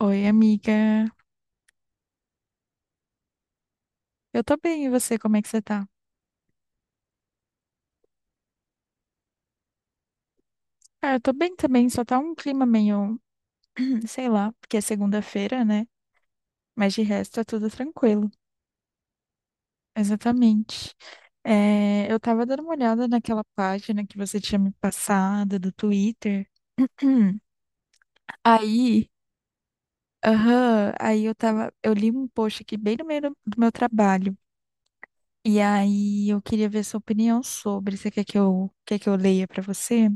Oi, amiga. Eu tô bem, e você, como é que você tá? Ah, eu tô bem também, só tá um clima meio, sei lá, porque é segunda-feira, né? Mas de resto é tudo tranquilo. Exatamente. Eu tava dando uma olhada naquela página que você tinha me passado do Twitter. Aí, aham, eu li um post aqui bem no meio do meu trabalho. E aí eu queria ver sua opinião sobre. Você quer quer que eu leia pra você?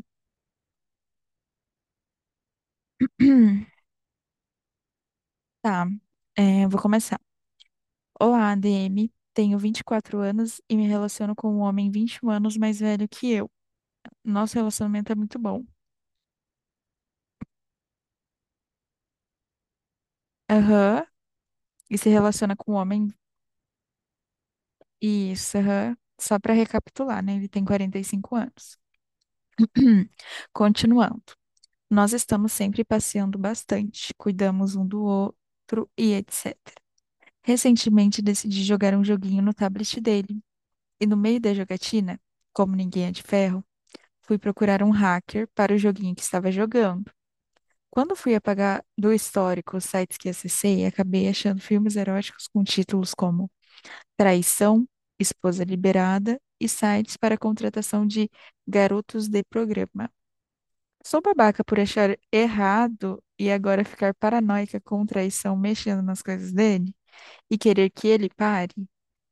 Tá, eu vou começar. Olá, ADM. Tenho 24 anos e me relaciono com um homem 21 anos mais velho que eu. Nosso relacionamento é muito bom. Aham. E se relaciona com um homem. Isso, aham. Só para recapitular, né? Ele tem 45 anos. Continuando. Nós estamos sempre passeando bastante, cuidamos um do outro e etc. Recentemente decidi jogar um joguinho no tablet dele. E no meio da jogatina, como ninguém é de ferro, fui procurar um hacker para o joguinho que estava jogando. Quando fui apagar do histórico os sites que acessei, acabei achando filmes eróticos com títulos como Traição, Esposa Liberada e sites para contratação de garotos de programa. Sou babaca por achar errado e agora ficar paranoica com traição mexendo nas coisas dele e querer que ele pare.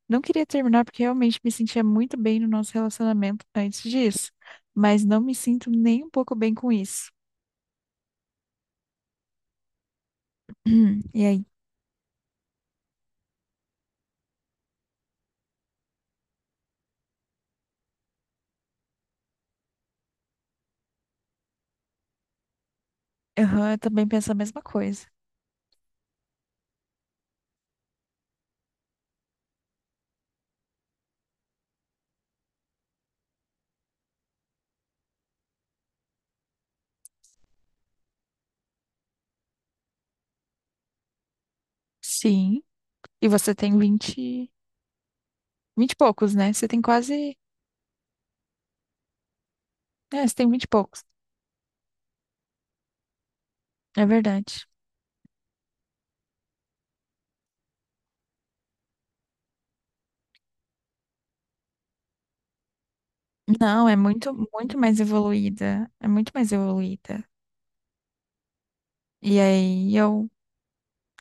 Não queria terminar porque realmente me sentia muito bem no nosso relacionamento antes disso, mas não me sinto nem um pouco bem com isso. E aí? Aham, eu também penso a mesma coisa. Sim. E você tem 20 e poucos, né? Você tem quase. É, você tem 20 e poucos. É verdade. Não, é muito, muito mais evoluída. É muito mais evoluída. E aí eu.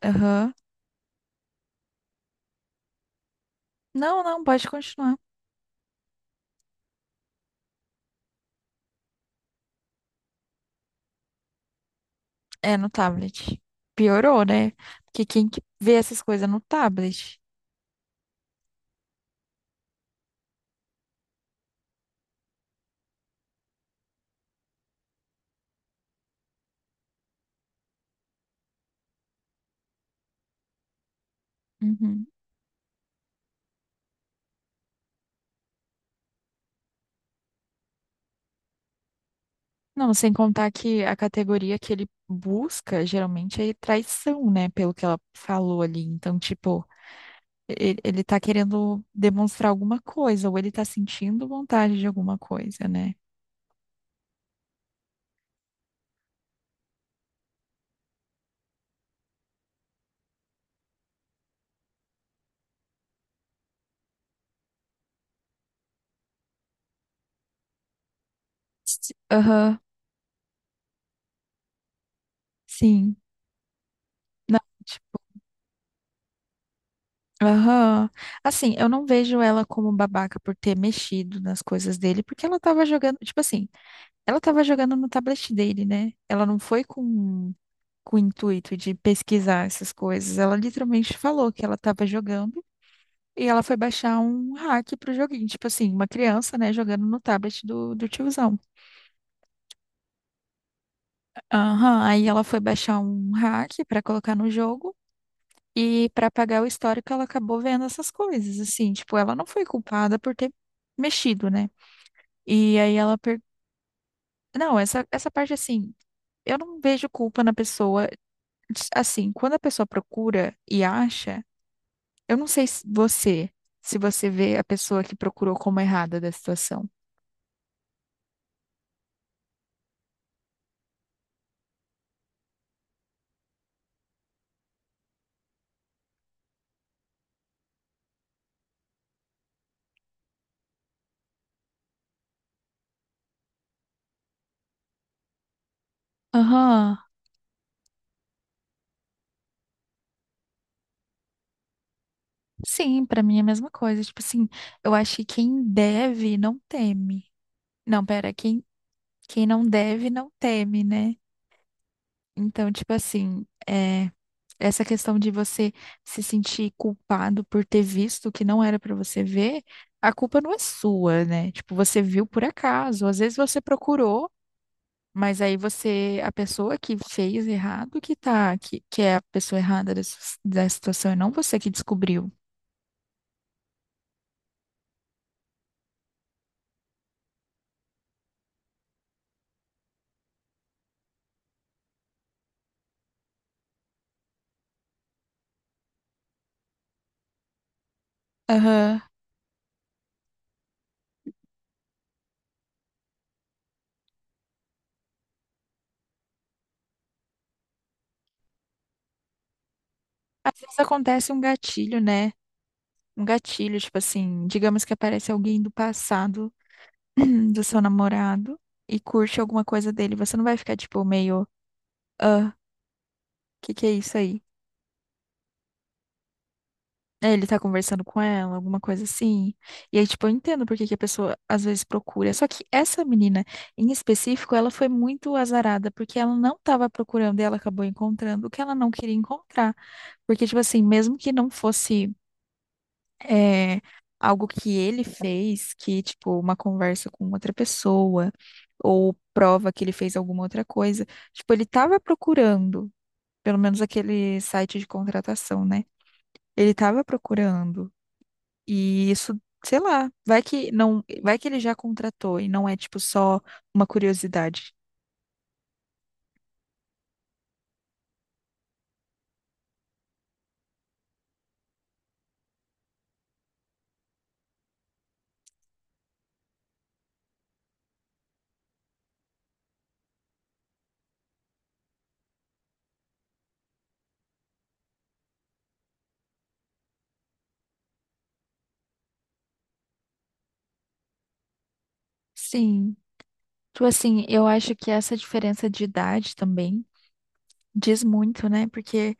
Aham. Não, não, pode continuar. É no tablet. Piorou, né? Porque quem que vê essas coisas no tablet? Uhum. Não, sem contar que a categoria que ele busca geralmente é traição, né? Pelo que ela falou ali. Então, tipo. Ele tá querendo demonstrar alguma coisa, ou ele tá sentindo vontade de alguma coisa, né? Aham. Sim. Não, tipo, aham. Assim, eu não vejo ela como babaca por ter mexido nas coisas dele, porque ela tava jogando, tipo assim, ela tava jogando no tablet dele, né? Ela não foi com o intuito de pesquisar essas coisas. Ela literalmente falou que ela tava jogando e ela foi baixar um hack pro joguinho, tipo assim, uma criança, né, jogando no tablet do tiozão. Aham, aí ela foi baixar um hack pra colocar no jogo e pra apagar o histórico ela acabou vendo essas coisas, assim, tipo, ela não foi culpada por ter mexido, né? E aí ela per... Não, essa parte assim, eu não vejo culpa na pessoa, assim, quando a pessoa procura e acha, eu não sei se você vê a pessoa que procurou como errada da situação. Aham. Sim, pra mim é a mesma coisa, tipo assim, eu acho que quem deve não teme. Não, pera, quem Quem não deve, não teme, né? Então, tipo assim, essa questão de você se sentir culpado por ter visto o que não era pra você ver, a culpa não é sua, né? Tipo, você viu por acaso, às vezes você procurou, mas aí você, a pessoa que fez errado, que é a pessoa errada da situação, é não você que descobriu. Aham. Às vezes acontece um gatilho, né? Um gatilho, tipo assim, digamos que aparece alguém do passado do seu namorado e curte alguma coisa dele, você não vai ficar tipo meio, ah, que é isso aí? É, ele tá conversando com ela, alguma coisa assim. E aí, tipo, eu entendo por que que a pessoa às vezes procura. Só que essa menina, em específico, ela foi muito azarada, porque ela não tava procurando e ela acabou encontrando o que ela não queria encontrar. Porque, tipo assim, mesmo que não fosse. é, algo que ele fez, que, tipo, uma conversa com outra pessoa, ou prova que ele fez alguma outra coisa. Tipo, ele estava procurando, pelo menos aquele site de contratação, né? Ele estava procurando. E isso, sei lá, vai que não, vai que ele já contratou e não é, tipo, só uma curiosidade. Sim. Tipo assim, eu acho que essa diferença de idade também diz muito, né? Porque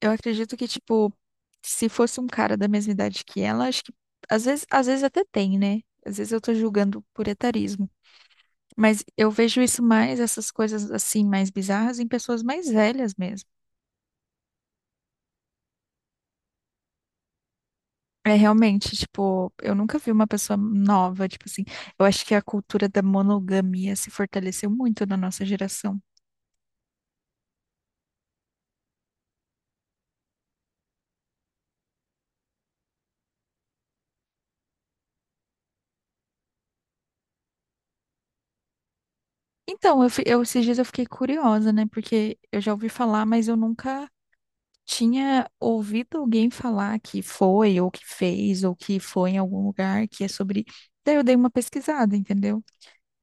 eu acredito que, tipo, se fosse um cara da mesma idade que ela, acho que às vezes até tem, né? Às vezes eu tô julgando por etarismo. Mas eu vejo isso mais, essas coisas assim, mais bizarras, em pessoas mais velhas mesmo. É realmente, tipo, eu nunca vi uma pessoa nova, tipo assim. Eu acho que a cultura da monogamia se fortaleceu muito na nossa geração. Então, esses dias eu fiquei curiosa, né? Porque eu já ouvi falar, mas eu nunca tinha ouvido alguém falar que foi, ou que fez, ou que foi em algum lugar que é sobre. Daí eu dei uma pesquisada, entendeu?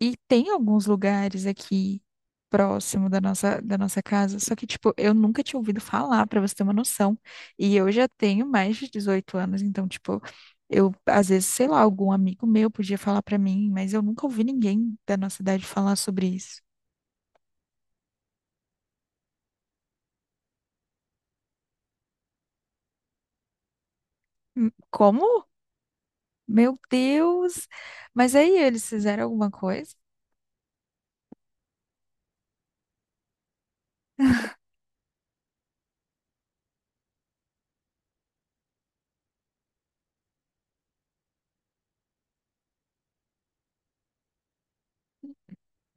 E tem alguns lugares aqui próximo da nossa casa, só que, tipo, eu nunca tinha ouvido falar, pra você ter uma noção. E eu já tenho mais de 18 anos, então, tipo, eu, às vezes, sei lá, algum amigo meu podia falar pra mim, mas eu nunca ouvi ninguém da nossa idade falar sobre isso. Como? Meu Deus! Mas aí eles fizeram alguma coisa?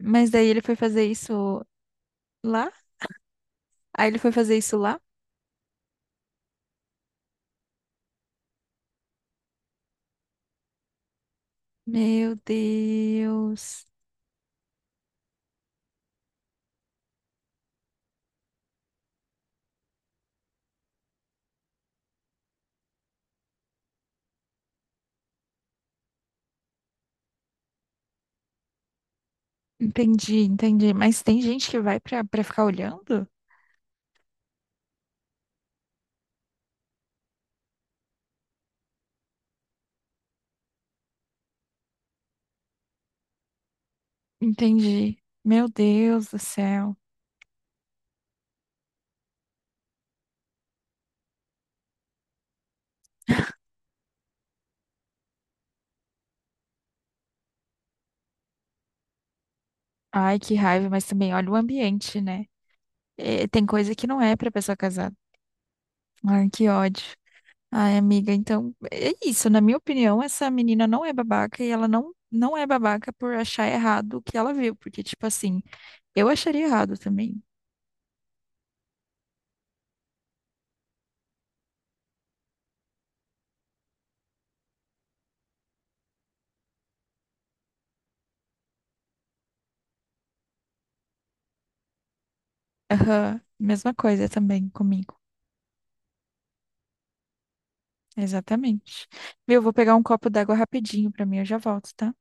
Mas daí ele foi fazer isso lá? Aí ele foi fazer isso lá? Meu Deus. Entendi, entendi. Mas tem gente que vai pra ficar olhando? Entendi. Meu Deus do céu. Ai, que raiva, mas também olha o ambiente, né? É, tem coisa que não é pra pessoa casada. Ai, que ódio. Ai, amiga, então é isso. Na minha opinião, essa menina não é babaca e ela não, não é babaca por achar errado o que ela viu. Porque, tipo assim. Eu acharia errado também. Aham, mesma coisa também comigo. Exatamente. Viu? Vou pegar um copo d'água rapidinho pra mim, eu já volto, tá?